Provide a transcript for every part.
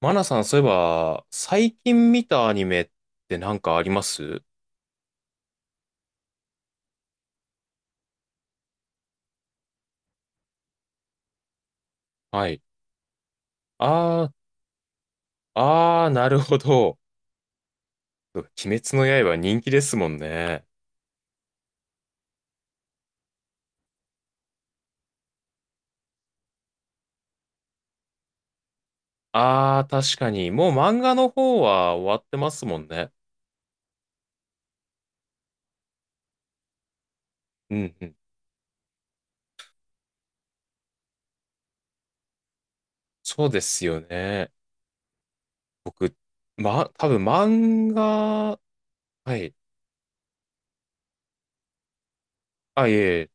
マナさん、そういえば、最近見たアニメってなんかあります？はい。あー、あー、なるほど。鬼滅の刃人気ですもんね。あー、確かに。もう漫画の方は終わってますもんね。うんうん。そうですよね。僕、ま、多分漫画、はい。あ、いえいえ。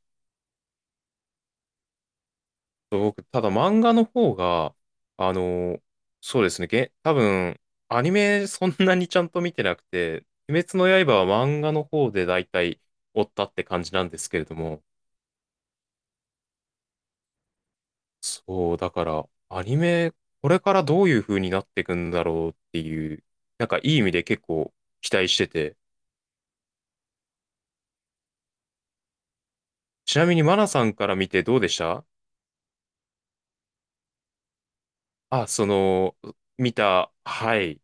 僕、ただ漫画の方が、あの、そうですね、多分、アニメそんなにちゃんと見てなくて、鬼滅の刃は漫画の方で大体追ったって感じなんですけれども、そう、だから、アニメ、これからどういう風になっていくんだろうっていう、なんかいい意味で結構期待してて、ちなみにマナさんから見てどうでした？あ、その、見た、はい。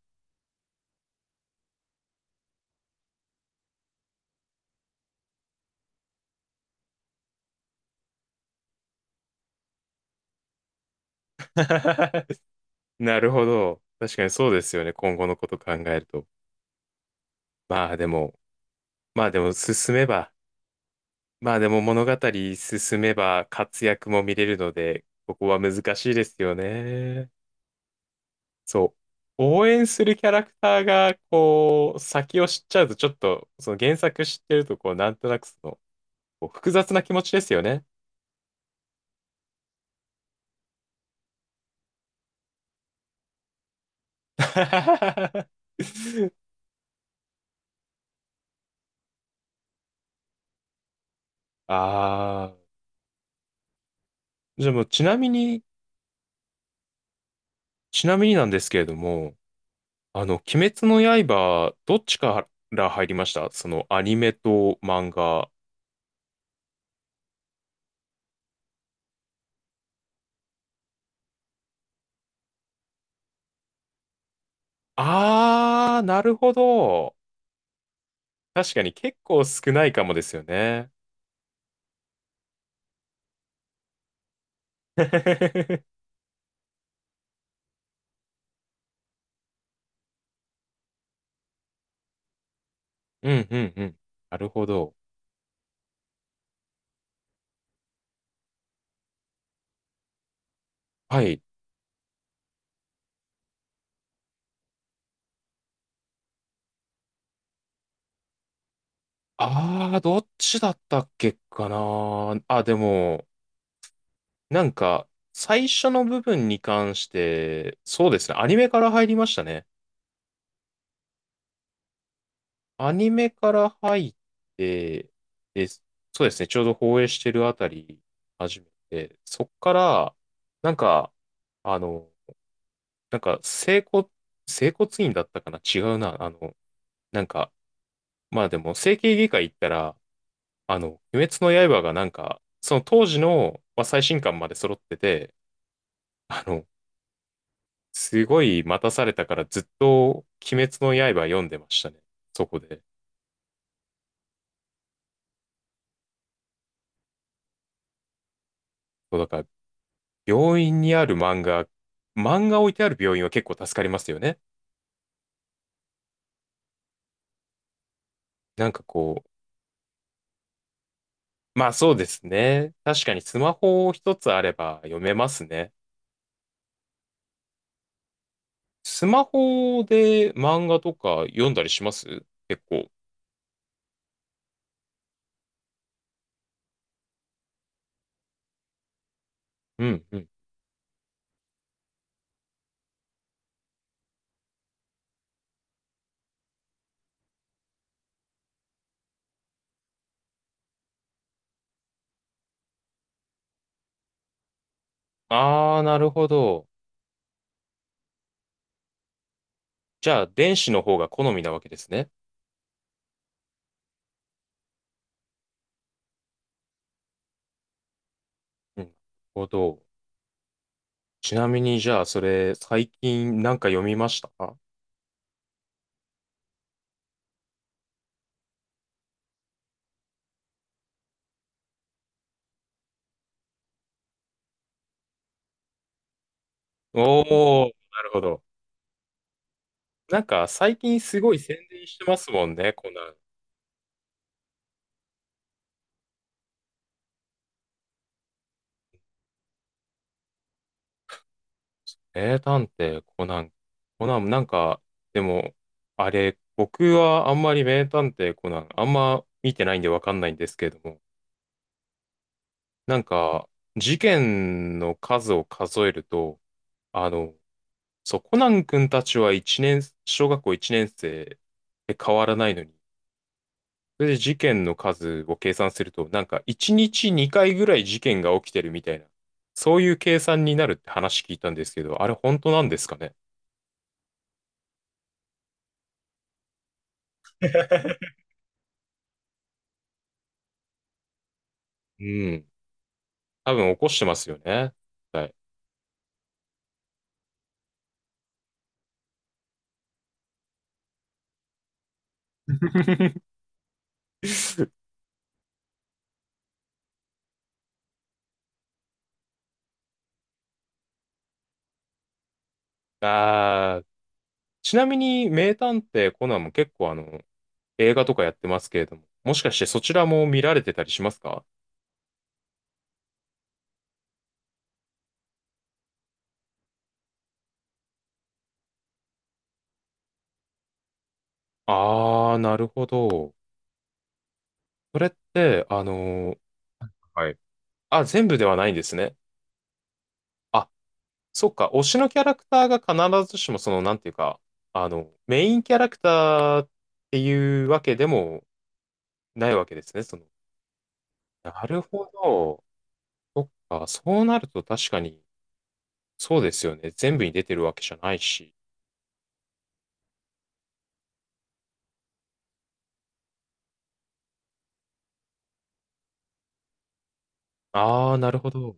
なるほど。確かにそうですよね、今後のこと考えると。まあでも、まあでも進めば、まあでも物語進めば活躍も見れるので、ここは難しいですよね。そう。応援するキャラクターが、こう、先を知っちゃうと、ちょっと、その原作知ってると、こう、なんとなくその、こう複雑な気持ちですよね。ああ。じゃあもう、ちなみに、ちなみになんですけれども、あの、鬼滅の刃、どっちから入りました？その、アニメと漫画。あー、なるほど。確かに結構少ないかもですよね。うんうんうん。なるほど。はい。ああ、どっちだったっけかな。あ、でも、なんか、最初の部分に関して、そうですね。アニメから入りましたね。アニメから入って、で、そうですね。ちょうど放映してるあたり、始めて、そっから、なんか、あの、なんか、整骨院だったかな、違うな。あの、なんか、まあでも、整形外科行ったら、あの、鬼滅の刃がなんか、その当時の、まあ、最新刊まで揃ってて、あの、すごい待たされたからずっと鬼滅の刃読んでましたね。そこで。そうだから、病院にある漫画、漫画置いてある病院は結構助かりますよね。なんかこう、まあそうですね。確かにスマホ一つあれば読めますね。スマホで漫画とか読んだりします？結構。うん、うん。ああ、なるほど。じゃあ、電子の方が好みなわけですね。うん。なるほど。ちなみに、じゃあ、それ、最近なんか読みました？おおー、なるほど。なんか、最近すごい宣伝してますもんね、コナン。名探偵コナン。コナン、なんか、でも、あれ、僕はあんまり名探偵コナン、あんま見てないんでわかんないんですけれども。なんか、事件の数を数えると、あの、そう、コナン君たちは一年、小学校1年生で変わらないのに、それで事件の数を計算すると、なんか1日2回ぐらい事件が起きてるみたいな、そういう計算になるって話聞いたんですけど、あれ本当なんですかね？ うん。多分起こしてますよね。はい。あー、ちなみに名探偵コナンも結構あの、映画とかやってますけれども、もしかしてそちらも見られてたりしますか？あー、なるほど。それって、あのーはい。あ、全部ではないんですね。あ、そっか、推しのキャラクターが必ずしもその、なんていうか、あの、メインキャラクターっていうわけでもないわけですね。その、なるほど。そっか、そうなると確かに、そうですよね。全部に出てるわけじゃないし。あー、なるほど。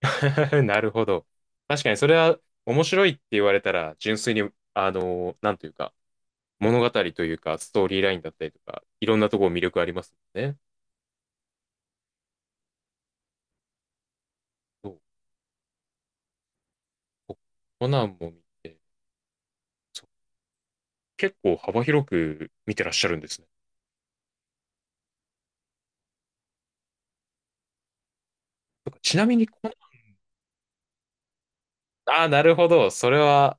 なるほど。確かにそれは面白いって言われたら、純粋に、あのーなんというか、物語というか、ストーリーラインだったりとか、いろんなところ魅力ありますもんね。そう。こコナンも見て、そう結構幅広く見てらっしゃるんですね。とかちなみにああ、なるほど。それは、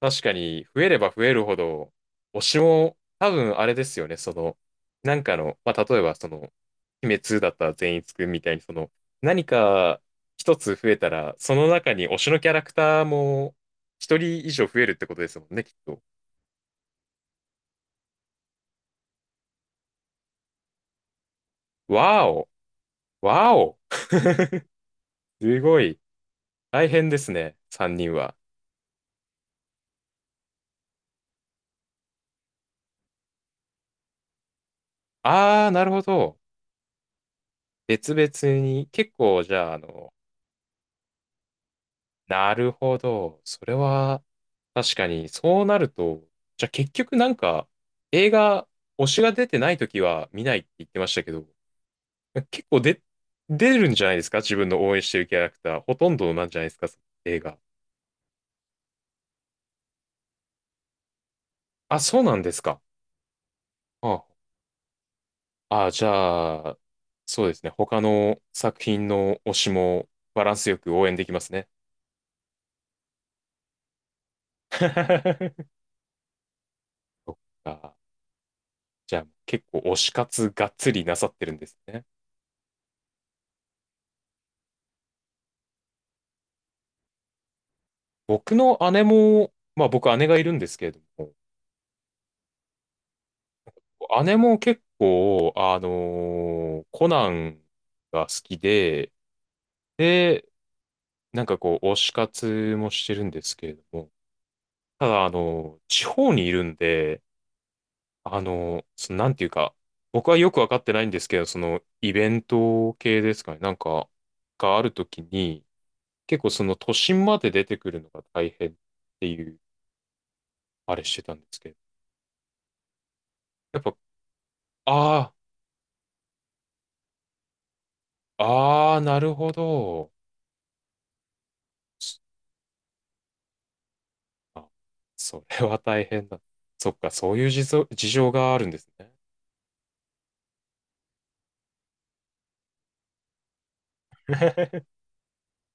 確かに、増えれば増えるほど、推しも、多分あれですよね。その、なんかの、まあ、例えば、その、鬼滅だったら善逸くんみたいに、その、何か一つ増えたら、その中に推しのキャラクターも、一人以上増えるってことですもんね、きっと。わーお、わーお、すごい、大変ですね、三人は。ああ、なるほど。別々に、結構、じゃあ、あの、なるほど。それは、確かに、そうなると、じゃあ結局なんか、映画、推しが出てない時は見ないって言ってましたけど、結構出るんじゃないですか自分の応援してるキャラクター。ほとんどなんじゃないですかその映画。あ、そうなんですか。ああ、じゃあ、そうですね。他の作品の推しもバランスよく応援できますね。そっか。じゃあ、結構推し活がっつりなさってるんですね。僕の姉も、まあ僕姉がいるんですけれども、姉も結構、あのーコナンが好きで、で、なんかこう、推し活もしてるんですけれども、ただ、あのー地方にいるんで、あのーその、なんていうか、僕はよくわかってないんですけど、その、イベント系ですかね、なんか、があるときに、結構その都心まで出てくるのが大変っていう、あれしてたんですけど、やっぱ、ああ、ああ、なるほど。あ、それは大変だ。そっか、そういう事情があるんですね。